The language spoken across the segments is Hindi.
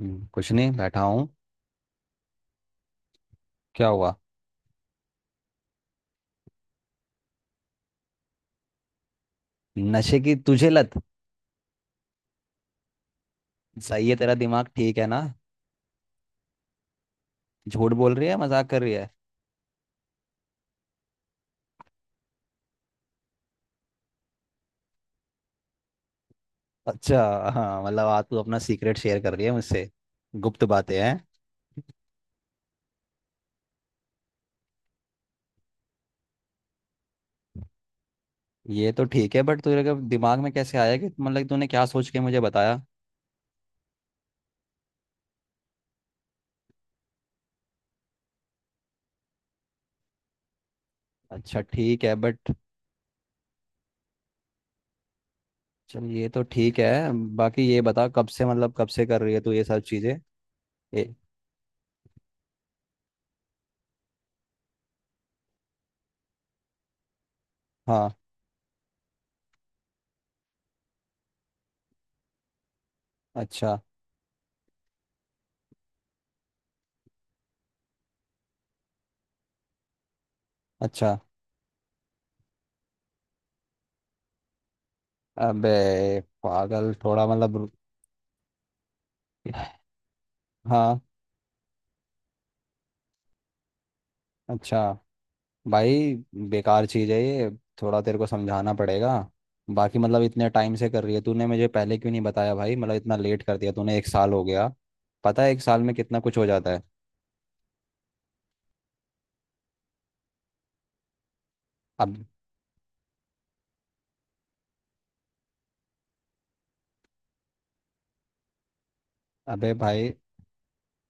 कुछ नहीं बैठा हूँ। क्या हुआ? नशे की तुझे लत? सही है, तेरा दिमाग ठीक है ना? झूठ बोल रही है, मजाक कर रही है। अच्छा। हाँ मतलब आज तू अपना सीक्रेट शेयर कर रही है मुझसे। गुप्त बातें हैं। ये तो ठीक है, बट तेरे के दिमाग में कैसे आया कि मतलब तूने क्या सोच के मुझे बताया? अच्छा, ठीक है बट चल ये तो ठीक है। बाकी ये बता कब से, मतलब कब से कर रही है तू ये सब चीज़ें? ए, हाँ, अच्छा, अच्छा, अबे पागल, थोड़ा मतलब हाँ, अच्छा, भाई बेकार चीज़ है ये। थोड़ा तेरे को समझाना पड़ेगा। बाकी मतलब इतने टाइम से कर रही है, तूने मुझे पहले क्यों नहीं बताया भाई? मतलब इतना लेट कर दिया तूने, एक साल हो गया। पता है एक साल में कितना कुछ हो जाता है? अब, अबे भाई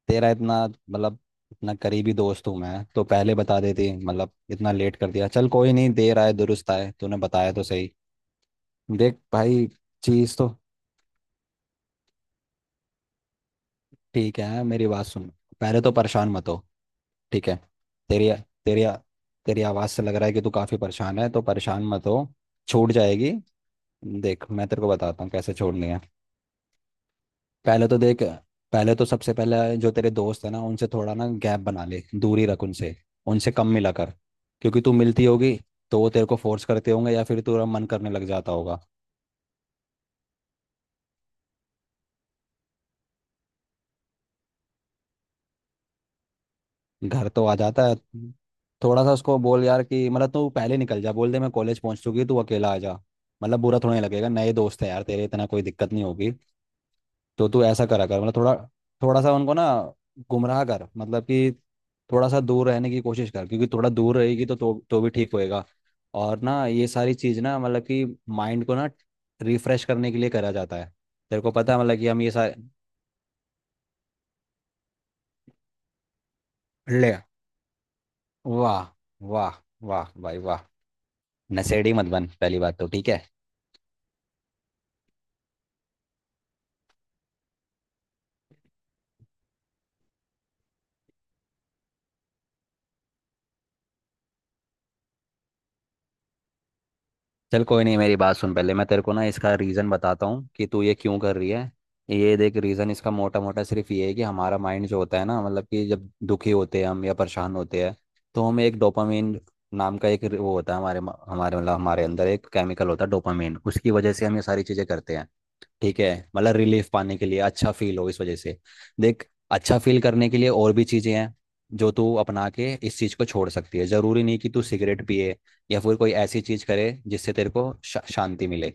तेरा इतना मतलब इतना करीबी दोस्त हूँ मैं, तो पहले बता देती। मतलब इतना लेट कर दिया। चल कोई नहीं, देर आए दुरुस्त आए, तूने बताया तो सही। देख भाई, चीज़ तो ठीक है, मेरी बात सुन। पहले तो परेशान मत हो, ठीक है? तेरी तेरी तेरी आवाज़ से लग रहा है कि तू काफ़ी परेशान है, तो परेशान मत हो, छूट जाएगी। देख मैं तेरे को बताता हूँ कैसे छोड़नी है। पहले तो देख, पहले तो सबसे पहले जो तेरे दोस्त है ना, उनसे थोड़ा ना गैप बना ले, दूरी रख उनसे। उनसे कम मिला कर, क्योंकि तू मिलती होगी तो वो तेरे को फोर्स करते होंगे या फिर तेरा मन करने लग जाता होगा। घर तो आ जाता है। थोड़ा सा उसको बोल यार कि मतलब तू पहले निकल जा, बोल दे मैं कॉलेज पहुंच चुकी, तू अकेला आ जा। मतलब बुरा थोड़ा नहीं लगेगा, नए दोस्त है यार तेरे, इतना कोई दिक्कत नहीं होगी। तो तू ऐसा करा कर मतलब थोड़ा, थोड़ा सा उनको ना गुमराह कर, मतलब कि थोड़ा सा दूर रहने की कोशिश कर। क्योंकि थोड़ा दूर रहेगी तो तो भी ठीक होएगा। और ना ये सारी चीज़ ना मतलब कि माइंड को ना रिफ्रेश करने के लिए करा जाता है। तेरे को पता है मतलब कि हम ये सारे ले, वाह, वाह, वाह भाई वाह। नशेड़ी मत बन, पहली बात तो ठीक है। चल कोई नहीं, मेरी बात सुन। पहले मैं तेरे को ना इसका रीज़न बताता हूँ कि तू ये क्यों कर रही है। ये देख, रीज़न इसका मोटा मोटा सिर्फ ये है कि हमारा माइंड जो होता है ना, मतलब कि जब दुखी होते हैं हम या परेशान होते हैं, तो हम एक डोपामिन नाम का एक वो होता है हमारे, मतलब हमारे अंदर एक केमिकल होता है डोपामिन, उसकी वजह से हम ये सारी चीज़ें करते हैं। ठीक है? मतलब रिलीफ पाने के लिए, अच्छा फील हो इस वजह से। देख अच्छा फील करने के लिए और भी चीजें हैं, जो तू अपना के इस चीज को छोड़ सकती है। जरूरी नहीं कि तू सिगरेट पिए या फिर कोई ऐसी चीज करे जिससे तेरे को शांति मिले।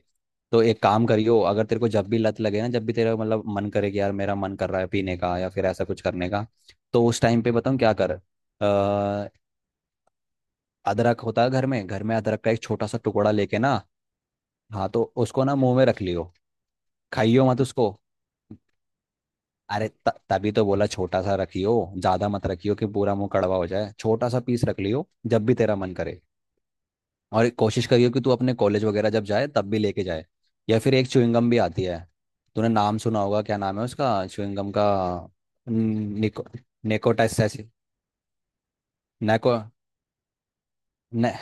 तो एक काम करियो, अगर तेरे को जब भी लत लगे ना, जब भी तेरा मतलब मन करे कि यार मेरा मन कर रहा है पीने का या फिर ऐसा कुछ करने का, तो उस टाइम पे बताऊँ क्या कर? अदरक होता है घर में, घर में अदरक का एक छोटा सा टुकड़ा लेके ना, हाँ तो उसको ना मुंह में रख लियो। खाइयो मत उसको, अरे तभी तो बोला छोटा सा रखियो। ज्यादा मत रखियो कि पूरा मुंह कड़वा हो जाए, छोटा सा पीस रख लियो जब भी तेरा मन करे। और कोशिश करियो कि तू अपने कॉलेज वगैरह जब जाए तब भी लेके जाए। या फिर एक च्युइंगम भी आती है, तूने नाम सुना होगा, क्या नाम है उसका च्युइंगम का? न- निको निकोटासेस नेको ने,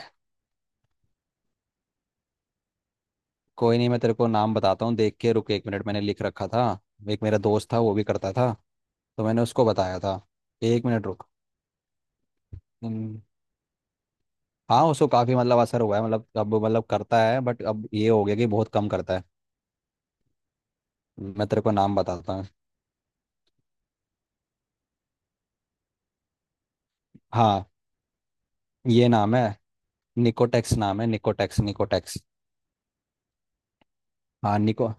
कोई नहीं, मैं तेरे को नाम बताता हूँ, देख के, रुक एक मिनट, मैंने लिख रखा था। एक मेरा दोस्त था, वो भी करता था, तो मैंने उसको बताया था। एक मिनट रुक। हाँ उसको काफ़ी मतलब असर हुआ है, मतलब अब मतलब करता है बट अब ये हो गया कि बहुत कम करता है। मैं तेरे को नाम बताता हूँ। हाँ, ये नाम है, निकोटेक्स नाम है, निकोटेक्स निकोटेक्स। हाँ निको,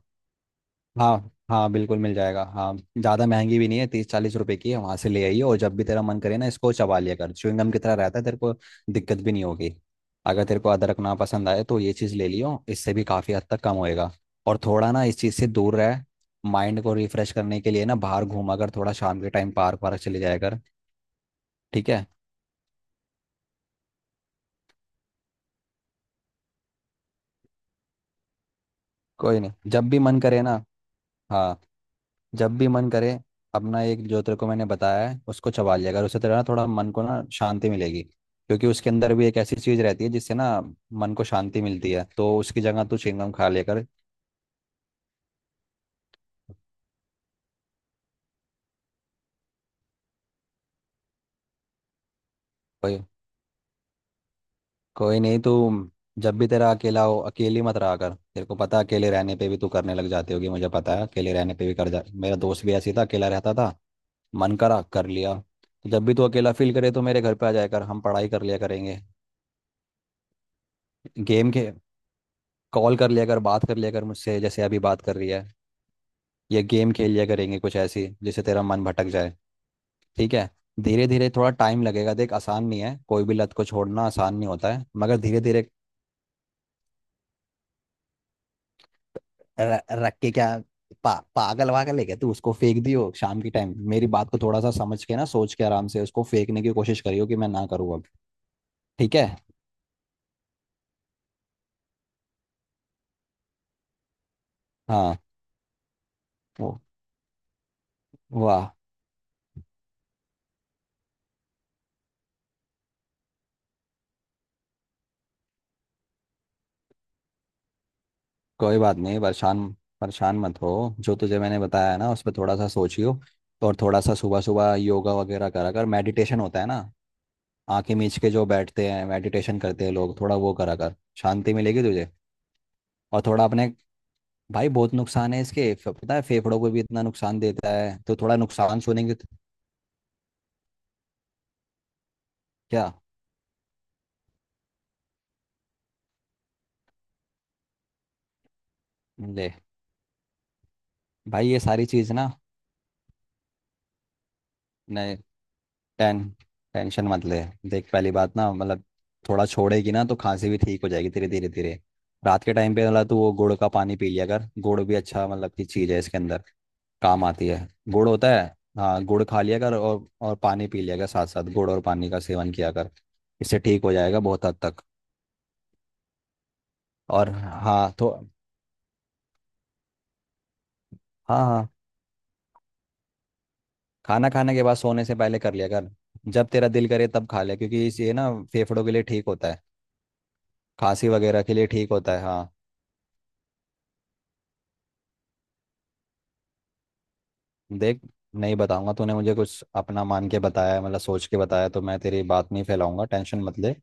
हाँ हाँ बिल्कुल मिल जाएगा। हाँ ज़्यादा महंगी भी नहीं है, तीस चालीस रुपए की है, वहाँ से ले आइए। और जब भी तेरा मन करे ना, इसको चबा लिया कर, च्युइंग गम की तरह रहता है, तेरे को दिक्कत भी नहीं होगी। अगर तेरे को अदरक ना पसंद आए तो ये चीज़ ले लियो, इससे भी काफ़ी हद तक कम होएगा। और थोड़ा ना इस चीज़ से दूर रह। माइंड को रिफ्रेश करने के लिए ना बाहर घूमा कर, थोड़ा शाम के टाइम पार्क वार्क चले जाया कर। ठीक है, कोई नहीं, जब भी मन करे ना, हाँ जब भी मन करे अपना एक जो तेरे को मैंने बताया है उसको चबा लिया कर, उससे तेरा ना थोड़ा मन को ना शांति मिलेगी, क्योंकि उसके अंदर भी एक ऐसी चीज रहती है जिससे ना मन को शांति मिलती है। तो उसकी जगह तू चिंगम खा लिया कर। कोई कोई नहीं, तू जब भी तेरा अकेला हो, अकेली मत रहा कर। तेरे को पता है, अकेले रहने पे भी तू करने लग जाती होगी, मुझे पता है अकेले रहने पे भी कर जा, मेरा दोस्त भी ऐसी था, अकेला रहता था, मन करा कर लिया। तो जब भी तू अकेला फील करे तो मेरे घर पे आ जाया कर, हम पढ़ाई कर लिया करेंगे। गेम खे कॉल कर लिया कर, बात कर लिया कर मुझसे, जैसे अभी बात कर रही है। या गेम खेल लिया करेंगे कुछ ऐसी जिससे तेरा मन भटक जाए। ठीक है? धीरे धीरे थोड़ा टाइम लगेगा, देख आसान नहीं है, कोई भी लत को छोड़ना आसान नहीं होता है, मगर धीरे धीरे। रख के क्या? पागल वागल है क्या तू? उसको फेंक दियो, शाम के टाइम मेरी बात को थोड़ा सा समझ के ना, सोच के आराम से उसको फेंकने की कोशिश करियो, कि मैं ना करूँ अब, ठीक है? हाँ, वो- वाह, कोई बात नहीं, परेशान, परेशान मत हो। जो तुझे मैंने बताया है ना उस पर थोड़ा सा सोचियो। और थोड़ा सा सुबह सुबह योगा वगैरह करा कर, मेडिटेशन होता है ना, आंखें मीच के जो बैठते हैं, मेडिटेशन करते हैं लोग, थोड़ा वो करा कर, शांति मिलेगी तुझे। और थोड़ा अपने भाई, बहुत नुकसान है इसके, पता है फेफड़ों को भी इतना नुकसान देता है, तो थोड़ा नुकसान सुनेंगे तो क्या? ले भाई, ये सारी चीज़ ना, टें टेंशन मत ले। देख पहली बात ना मतलब थोड़ा छोड़ेगी ना तो खांसी भी ठीक हो जाएगी, धीरे धीरे धीरे। रात के टाइम पे मतलब तू वो गुड़ का पानी पी लिया कर, गुड़ भी अच्छा मतलब की चीज़ है, इसके अंदर काम आती है। गुड़ होता है, हाँ गुड़ खा लिया कर, और पानी पी लिया कर, साथ साथ गुड़ और पानी का सेवन किया कर, इससे ठीक हो जाएगा बहुत हद तक। और हाँ तो, हाँ हाँ खाना खाने के बाद सोने से पहले कर लिया कर, जब तेरा दिल करे तब खा ले, क्योंकि ये ना फेफड़ों के लिए ठीक होता है, खांसी वगैरह के लिए ठीक होता है, हाँ। देख नहीं बताऊंगा, तूने मुझे कुछ अपना मान के बताया है, मतलब सोच के बताया, तो मैं तेरी बात नहीं फैलाऊंगा, टेंशन मत ले।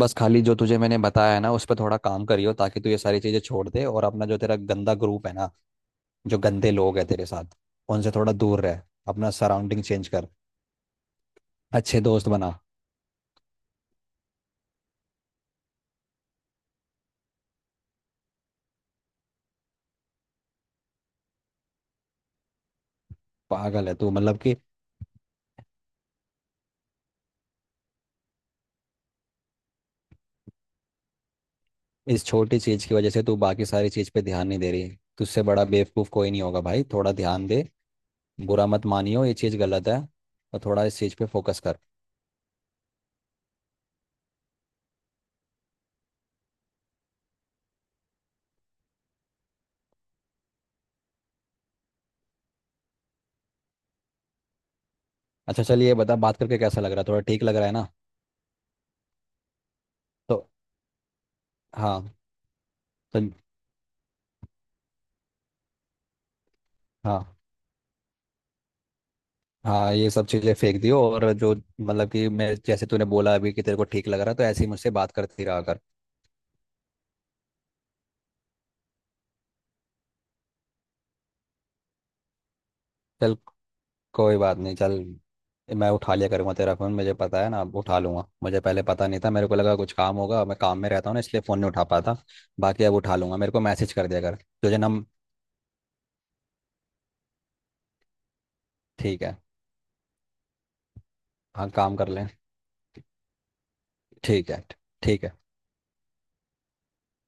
बस खाली जो तुझे मैंने बताया है ना उस पर थोड़ा काम करियो, ताकि तू ये सारी चीज़ें छोड़ दे। और अपना जो तेरा गंदा ग्रुप है ना, जो गंदे लोग हैं तेरे साथ, उनसे थोड़ा दूर रह, अपना सराउंडिंग चेंज कर, अच्छे दोस्त बना। पागल है तू, मतलब कि इस छोटी चीज़ की वजह से तू बाकी सारी चीज़ पे ध्यान नहीं दे रही। तुझसे बड़ा बेवकूफ़ कोई नहीं होगा भाई, थोड़ा ध्यान दे। बुरा मत मानियो, ये चीज़ गलत है, और थोड़ा इस चीज़ पे फोकस कर। अच्छा चलिए, बता बात करके कैसा लग रहा है? थोड़ा ठीक लग रहा है ना? तो हाँ तो, हाँ हाँ ये सब चीज़ें फेंक दियो। और जो मतलब कि मैं जैसे तूने बोला अभी कि तेरे को ठीक लग रहा है, तो ऐसे ही मुझसे बात करती रहा कर। चल, कोई बात नहीं, चल मैं उठा लिया करूँगा तेरा फ़ोन, मुझे पता है ना अब उठा लूँगा। मुझे पहले पता नहीं था, मेरे को लगा कुछ काम होगा, मैं काम में रहता हूँ ना इसलिए फ़ोन नहीं उठा पाता। बाकी अब उठा लूँगा, मेरे को मैसेज कर दिया कर। तुझे नम, ठीक है, हाँ काम कर लें, ठीक है, ठीक है।